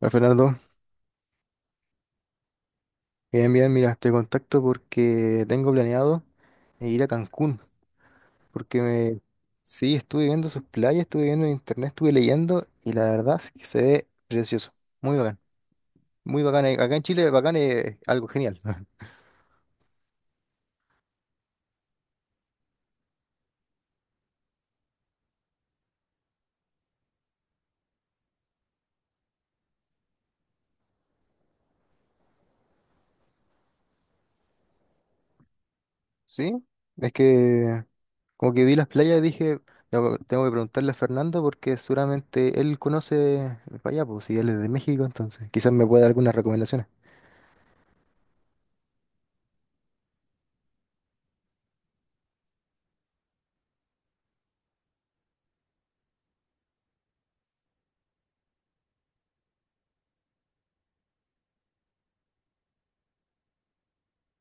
Hola, Fernando. Bien, bien, mira, te contacto porque tengo planeado ir a Cancún, porque me... Sí, estuve viendo sus playas, estuve viendo en internet, estuve leyendo y la verdad es que se ve precioso, muy bacán, muy bacán, acá en Chile bacán es algo genial. ¿Sí? Es que como que vi las playas y dije, tengo que preguntarle a Fernando porque seguramente él conoce para allá, pues si él es de México, entonces quizás me pueda dar algunas recomendaciones.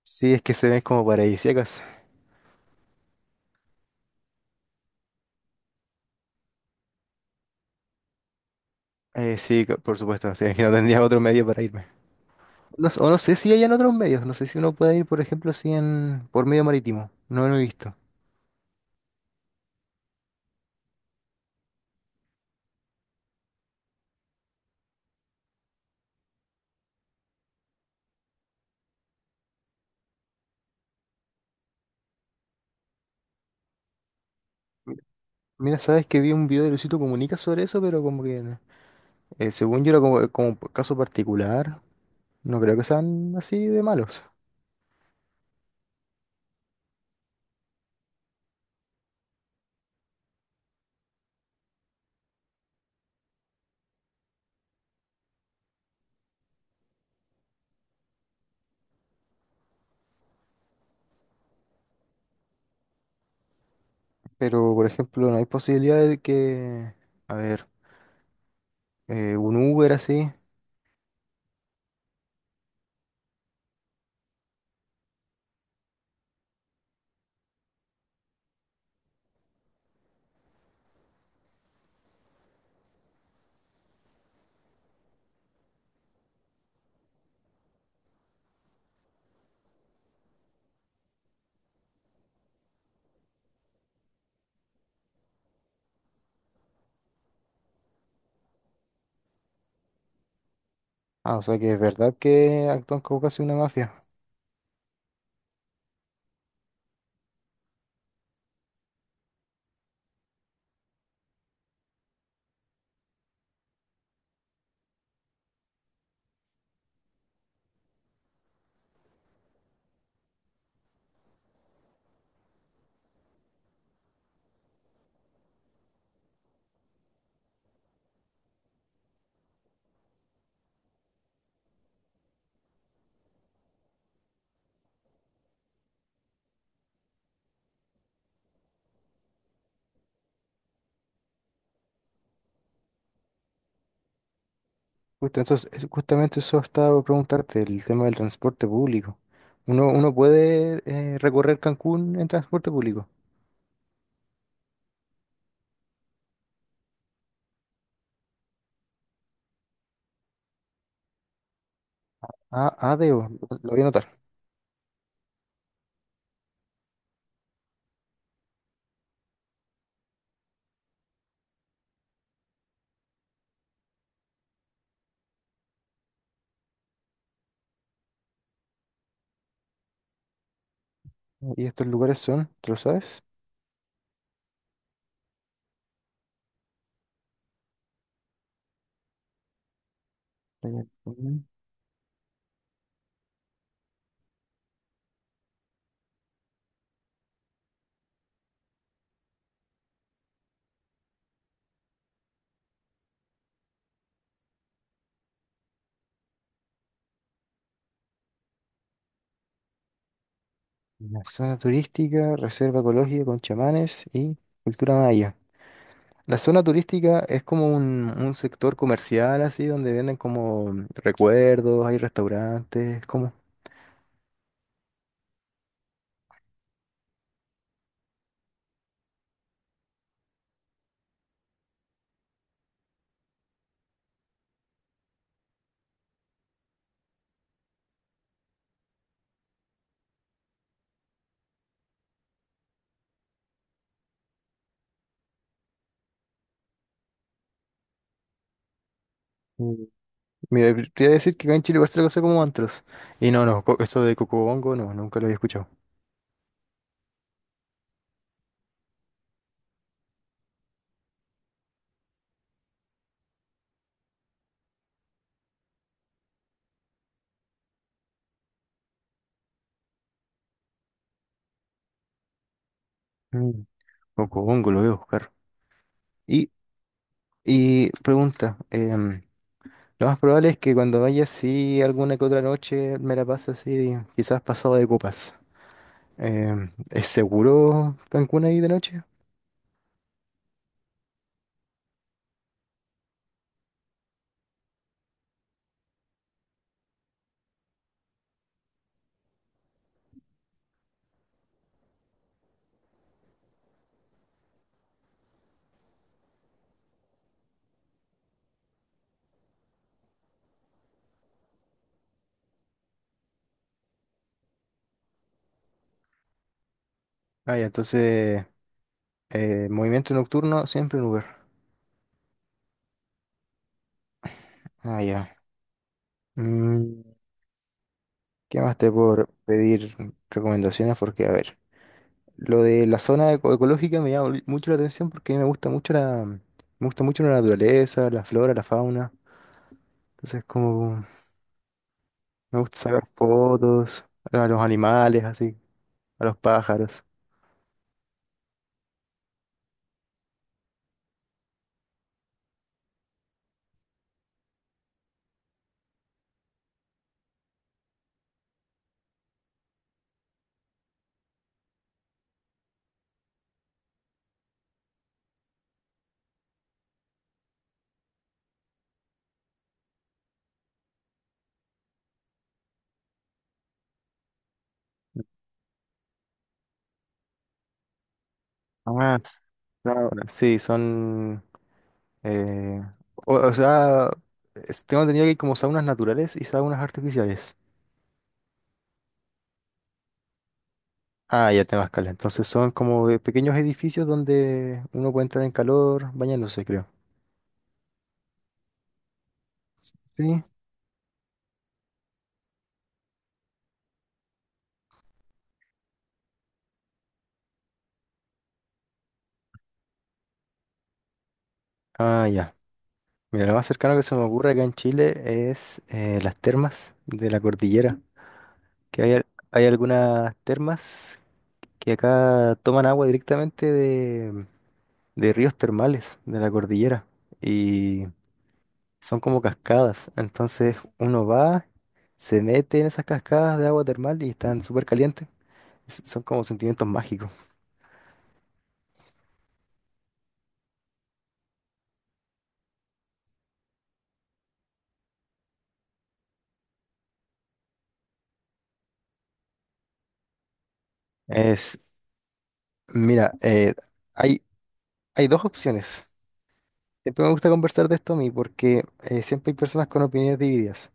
Sí, es que se ven como paradisíacas. Sí, por supuesto, sí. Es que no tendría otro medio para irme. No, o no sé si hay en otros medios, no sé si uno puede ir, por ejemplo, si en, por medio marítimo, no lo he visto. Mira, sabes que vi un video de Luisito Comunica sobre eso, pero como que, según yo era como, como un caso particular, no creo que sean así de malos. Pero, por ejemplo, no hay posibilidad de que, a ver, un Uber así. Ah, o sea que es verdad que actúan como casi una mafia. Justo, entonces, justamente eso estaba por preguntarte, el tema del transporte público. ¿Uno puede recorrer Cancún en transporte público? Ah, ah, debo, lo voy a anotar. ¿Y estos lugares son, tú lo sabes? Playa Cancún. La zona turística, reserva ecológica con chamanes y cultura maya. La zona turística es como un sector comercial así, donde venden como recuerdos, hay restaurantes, como... mm, Mira, te iba a decir que acá en Chile igual se lo conoce como antros. Y no, no, co- eso de Cocobongo no, nunca lo había escuchado. Mm. Cocobongo lo voy a buscar. Y, y pregunta, lo más probable es que cuando vaya así alguna que otra noche me la pase así, quizás pasado de copas. ¿Es seguro Cancún ahí de noche? Ah, ya, entonces, movimiento nocturno siempre en Uber. Ah, ya. Mm, ¿qué más te puedo pedir recomendaciones? Porque, a ver. Lo de la zona ecológica me llama mucho la atención porque a mí me gusta mucho la, me gusta mucho la naturaleza, la flora, la fauna. Entonces como me gusta sacar fotos a los animales, así, a los pájaros. Ah, claro. Sí, son, eh, o sea, tengo entendido que hay como saunas naturales y saunas artificiales. Ah, ya te escala. Entonces son como pequeños edificios donde uno puede entrar en calor bañándose, creo. Sí. Ah, ya. Mira, lo más cercano que se me ocurre acá en Chile es las termas de la cordillera. Que hay, hay algunas termas que acá toman agua directamente de ríos termales de la cordillera. Y son como cascadas. Entonces uno va, se mete en esas cascadas de agua termal y están súper calientes. Son como sentimientos mágicos. Es, mira, hay, hay dos opciones. Siempre me gusta conversar de esto a mí porque siempre hay personas con opiniones divididas.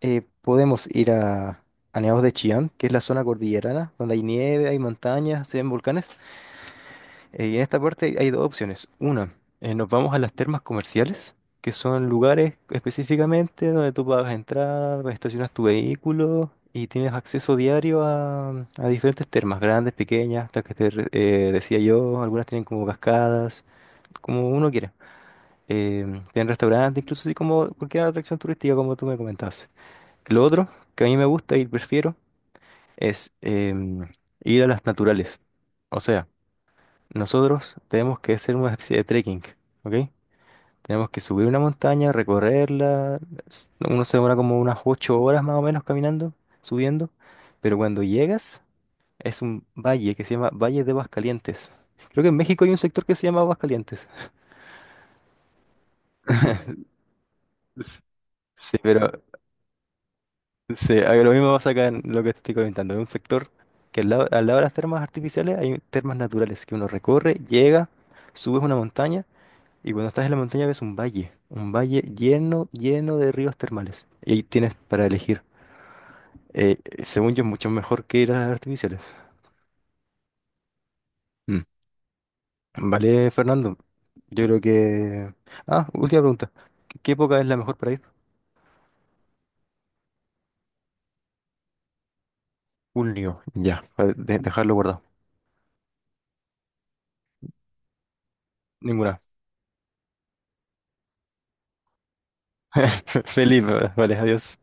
Podemos ir a Nevados de Chillán, que es la zona cordillerana, donde hay nieve, hay montañas, se ven volcanes. Y en esta parte hay dos opciones. Una, nos vamos a las termas comerciales, que son lugares específicamente donde tú pagas entrada, estacionas tu vehículo y tienes acceso diario a diferentes termas, grandes, pequeñas, las que decía yo, algunas tienen como cascadas, como uno quiera. Eh, Tienen restaurantes, incluso así como cualquier atracción turística, como tú me comentabas. Lo otro que a mí me gusta y prefiero es ir a las naturales. O sea, nosotros tenemos que hacer una especie de trekking, ¿ok? Tenemos que subir una montaña, recorrerla. Uno se demora como unas 8 horas más o menos caminando, subiendo. Pero cuando llegas, es un valle que se llama Valle de Calientes. Creo que en México hay un sector que se llama Calientes. Sí, pero sí, a lo mismo pasa acá en lo que te estoy comentando. En un sector que al lado de las termas artificiales hay termas naturales que uno recorre, llega, subes una montaña y cuando estás en la montaña ves un valle lleno, lleno de ríos termales. Y ahí tienes para elegir. Eh, Según yo, es mucho mejor que ir a las artificiales. Mm. Vale, Fernando, yo creo que... Ah, última pregunta. ¿Qué época es la mejor para ir? Junio, ya, para dejarlo guardado. Ninguna. Feliz. Vale, adiós.